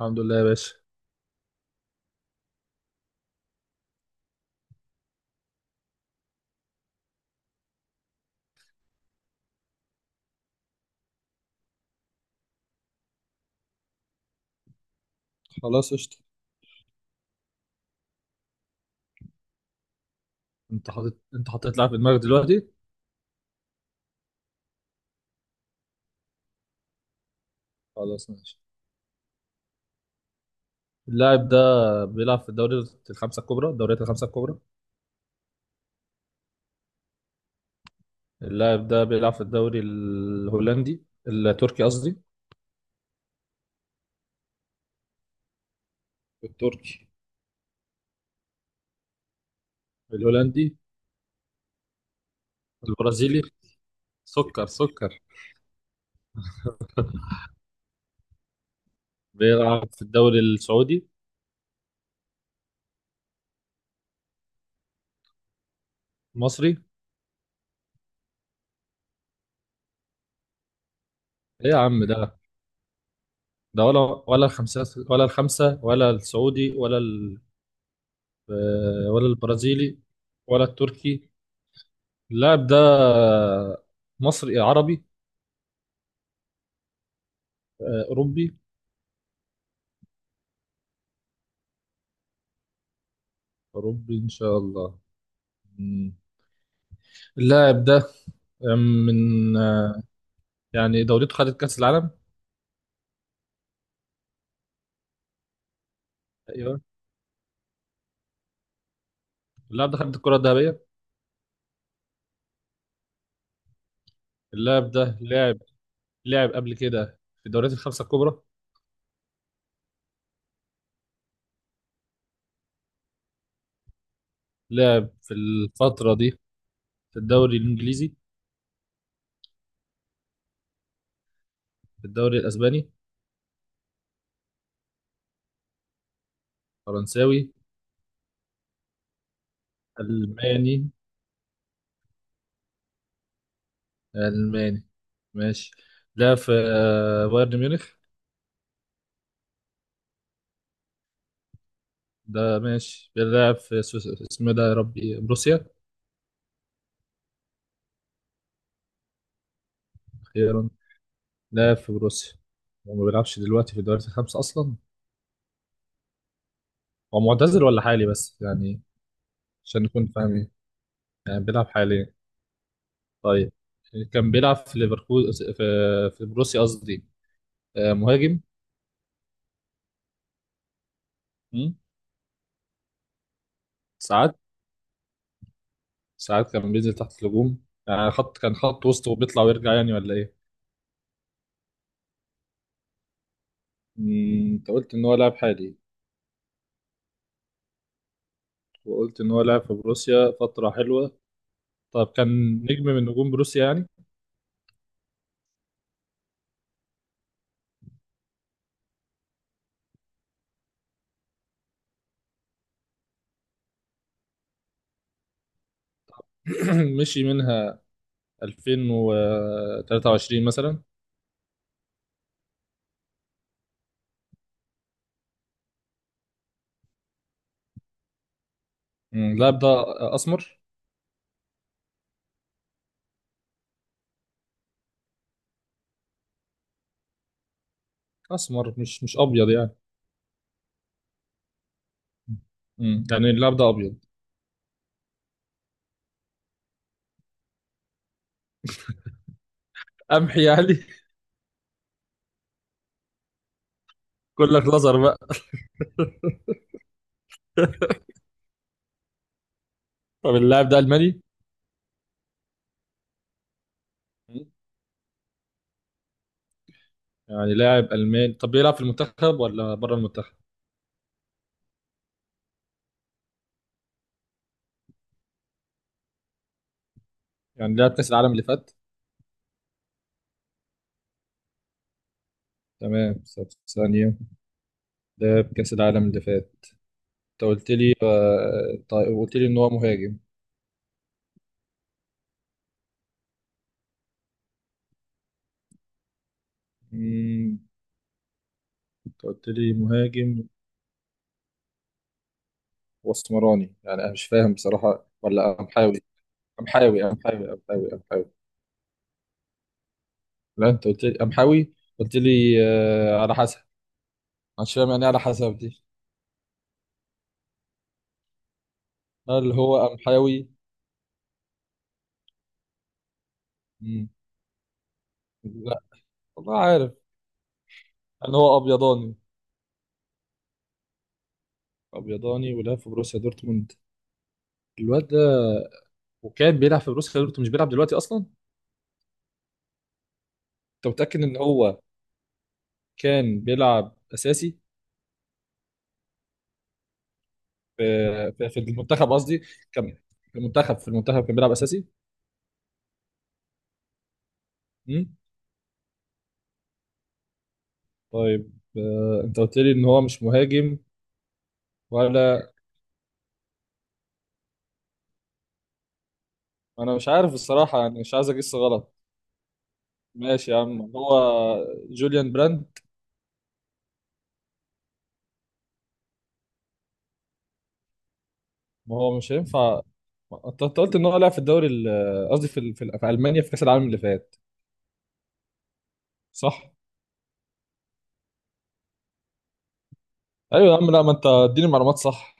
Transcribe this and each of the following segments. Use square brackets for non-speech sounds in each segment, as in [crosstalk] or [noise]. الحمد لله يا باشا. خلاص قشطة. انت حاطط، انت حطيت لاعب في دماغك دلوقتي؟ خلاص ماشي. اللاعب ده بيلعب في الدوري الخمسة الكبرى، الدوريات الخمسة الكبرى. اللاعب ده بيلعب في الدوري الهولندي، التركي قصدي، التركي، الهولندي، البرازيلي، سكر سكر. [laughs] بيلعب في الدوري السعودي، المصري. ايه يا عم ده؟ ده ولا، ولا الخمسة، ولا الخمسة، ولا السعودي، ولا ال... ولا البرازيلي، ولا التركي. اللاعب ده مصري، عربي؟ أوروبي. أوروبي إن شاء الله. مم. اللاعب ده من يعني دولته خدت كأس العالم؟ أيوه. اللاعب ده خد الكرة الذهبية. اللاعب ده لاعب، لاعب قبل كده في الدوريات الخمسة الكبرى. لاعب في الفترة دي في الدوري الإنجليزي، في الدوري الأسباني، فرنساوي، ألماني. ألماني ماشي. لاعب في بايرن ميونخ؟ ده ماشي بيلعب في اسمه إيه ده يا ربي؟ بروسيا. ايرون، لا، في بروسيا. هو ما بيلعبش دلوقتي في الدوريات الخمسة أصلا؟ هو معتزل ولا حالي بس يعني؟ عشان نكون فاهمين، يعني بيلعب حاليا؟ طيب كان بيلعب في ليفركوز، في في بروسيا قصدي. مهاجم. مم. ساعات، ساعات كان بينزل تحت الهجوم، يعني خط، كان خط وسط وبيطلع ويرجع يعني ولا ايه؟ انت قلت ان هو لاعب حالي، وقلت ان هو لاعب في بروسيا فترة حلوة. طب كان نجم من نجوم بروسيا يعني؟ [clears throat] مشي منها 2023 مثلا؟ اللاعب ده اسمر. اسمر مش مش ابيض يعني. يعني اللاعب ده ابيض، قمحي يعني؟ [laughs] كلك لزر بقى. [laughs] طب اللاعب ده الماني؟ مم. يعني لاعب الماني، طب بيلعب في المنتخب ولا بره المنتخب؟ يعني لعب كاس العالم اللي فات؟ تمام، طب ثانيه، لعب كاس العالم اللي فات؟ انت قلت لي طيب قلت لي ان هو مهاجم. مم، انت قلت لي مهاجم، واسمراني يعني؟ انا مش فاهم بصراحه، ولا امحاوي، امحاوي، امحاوي، امحاوي، امحاوي؟ لا انت قلت لي قمحاوي. قلت لي آه على حسب. معرفش، فاهم يعني إيه على حسب دي؟ هل هو قمحاوي؟ مم. لا والله عارف. هل هو ابيضاني؟ ابيضاني ولعب في بروسيا دورتموند، الواد ده. وكان بيلعب في بروسيا دورتموند، مش بيلعب دلوقتي اصلا. انت متاكد ان هو كان بيلعب اساسي في في في المنتخب قصدي، كان في المنتخب، في المنتخب كان بيلعب اساسي؟ مم. طيب آه انت قلت لي ان هو مش مهاجم ولا؟ انا مش عارف الصراحه يعني، مش عايز اجس غلط. ماشي يا عم، هو جوليان براند؟ ما هو مش هينفع. انت قلت ان هو لعب في قصدي في في المانيا في كاس العالم اللي فات. صح. ايوه يا عم، لا ما انت اديني معلومات صح.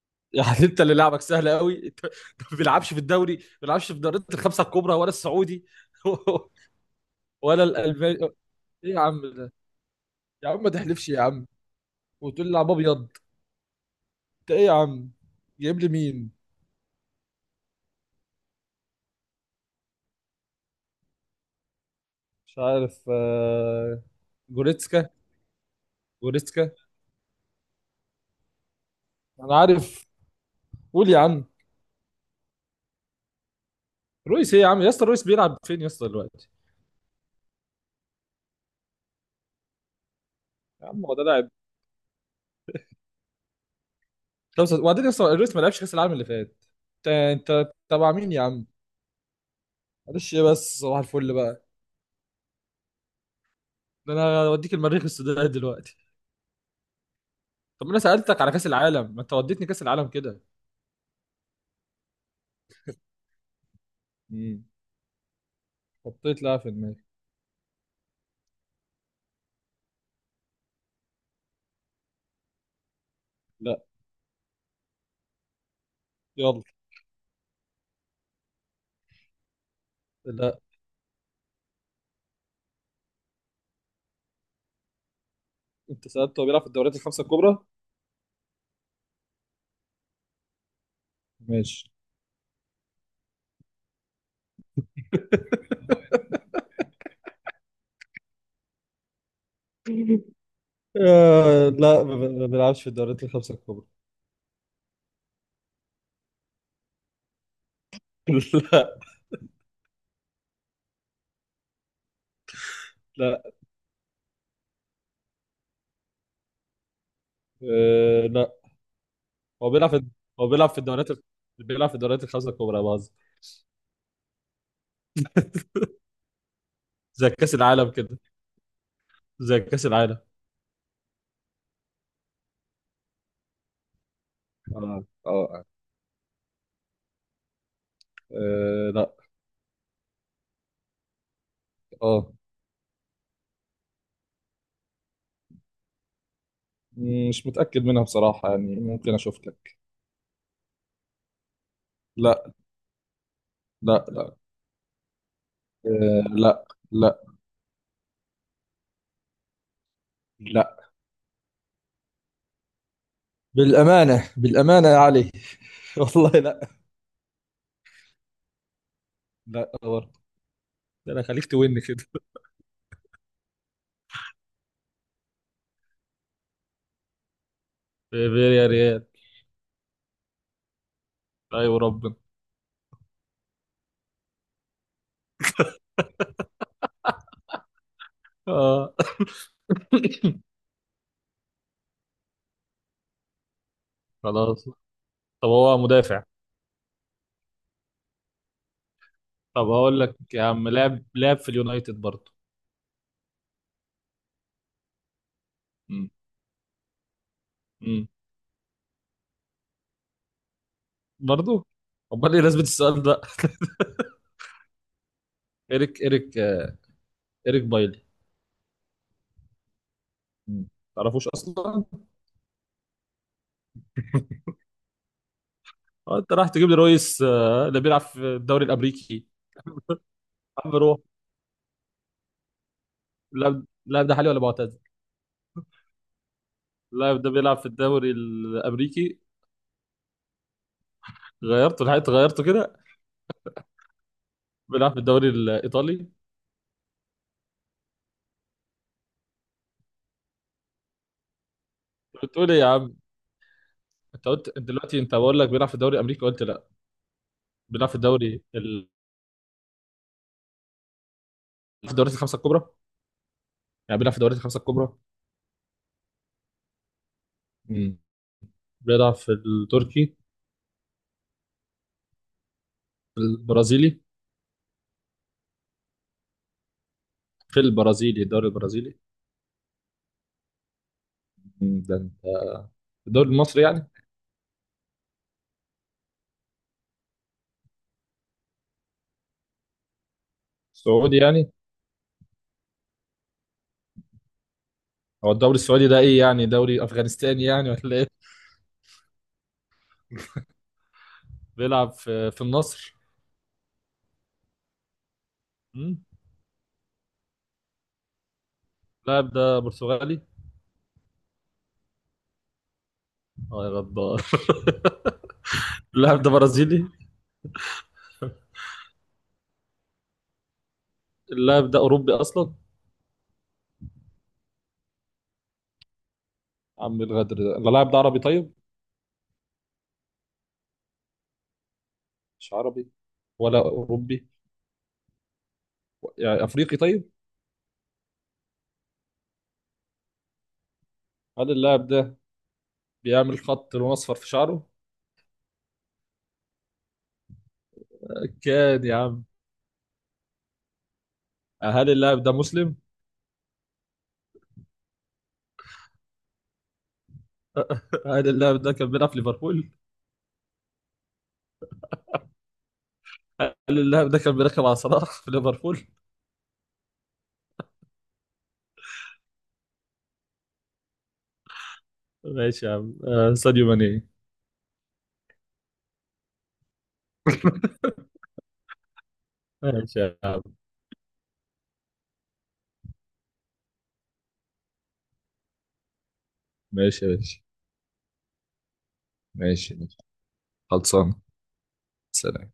[laughs] يعني انت اللي لعبك سهل قوي. انت ما بيلعبش في الدوري، ما بيلعبش في دوريات الخمسه الكبرى ولا السعودي [laughs] ولا الالماني. ايه يا عم ده؟ يا عم ما تحلفش يا عم، وتقول لي لعب ابيض. انت ايه يا عم، جايب لي مين؟ مش عارف. جوريتسكا. جوريتسكا، انا عارف. قول يا عم. رويس ايه يا عم يا اسطى؟ رويس بيلعب فين يا اسطى دلوقتي؟ يا عم هو ده لاعب؟ خمسة- وبعدين يا اسطى رويس ما لعبش كاس العالم اللي فات. انت انت تبع مين يا عم؟ معلش ايه بس، صباح الفل بقى. ده انا اوديك المريخ السوداني دلوقتي. طب ما انا سالتك على كاس العالم، ما انت وديتني كاس العالم كده. امم، حطيت لاعب في دماغي. لا. يلا. لا. انت سالته هو بيلعب في الدوريات الخمسه الكبرى. ماشي. [laughs] لا، ما بيلعبش في الدوريات الخمسة الكبرى. [laughs] لا. لا. آه لا. هو بيلعب في، هو بيلعب في بيلعب في الدوريات الخمسة الكبرى باظ. زي كأس العالم كده. زي كأس العالم. اه اه آه. لا. اه. مش متأكد منها بصراحة يعني، ممكن أشوف لك. لا. لا. لا. آه لا. لا. لا. بالأمانة بالأمانة يا علي. [laughs] والله لا. لا برضه. ده انا خليك توين كده. [laughs] في فياريال. ايوه ربنا. اه. [laughs] [coughs] خلاص. طب هو مدافع؟ طب هقول لك يا عم، لعب لعب في اليونايتد برضه. م. م. برضه؟ امال ايه لازمه السؤال ده؟ [laughs] ايريك، ايريك، ايريك بايلي. ما تعرفوش اصلا. [laughs] اه انت راح تجيب لي رويس اللي بيلعب في الدوري الامريكي. عم روح. لا لا، ده حالي ولا معتزل؟ لا ده بيلعب في الدوري الامريكي. غيرته، لحقت غيرته كده. بيلعب في الدوري الايطالي. بتقول ايه يا عم؟ انت قلت دلوقتي، انت بقول لك بيلعب في الدوري الامريكي، قلت لا. بيلعب في الدوري ال... في الدوريات الخمسه الكبرى؟ يعني بيلعب في الدوريات الخمسه الكبرى. مم. بيلعب في التركي، في البرازيلي، في البرازيلي، الدوري البرازيلي. ده الدوري المصري يعني؟ السعودي يعني. هو الدوري السعودي ده ايه، يعني دوري افغانستاني يعني ولا ايه؟ بيلعب في في النصر. مم. اللاعب ده برتغالي؟ اه يا غدار. [laughs] اللاعب ده برازيلي؟ اللاعب ده اوروبي اصلا؟ عم الغدر ده. اللاعب ده عربي طيب؟ مش عربي ولا اوروبي، يعني افريقي طيب. هل اللاعب ده بيعمل خط لون اصفر في شعره؟ كان يا عم. هل اللاعب ده مسلم؟ [laughs] هل اللاعب ده كان بيلعب في ليفربول؟ هل اللاعب ده كان بيركب على صلاح [laughs] في ليفربول؟ ماشي يا عم. ساديو ماني. [laughs] ماشي يا عم. ماشي يا باشا. ماشي ماشي. خلصان. سلام.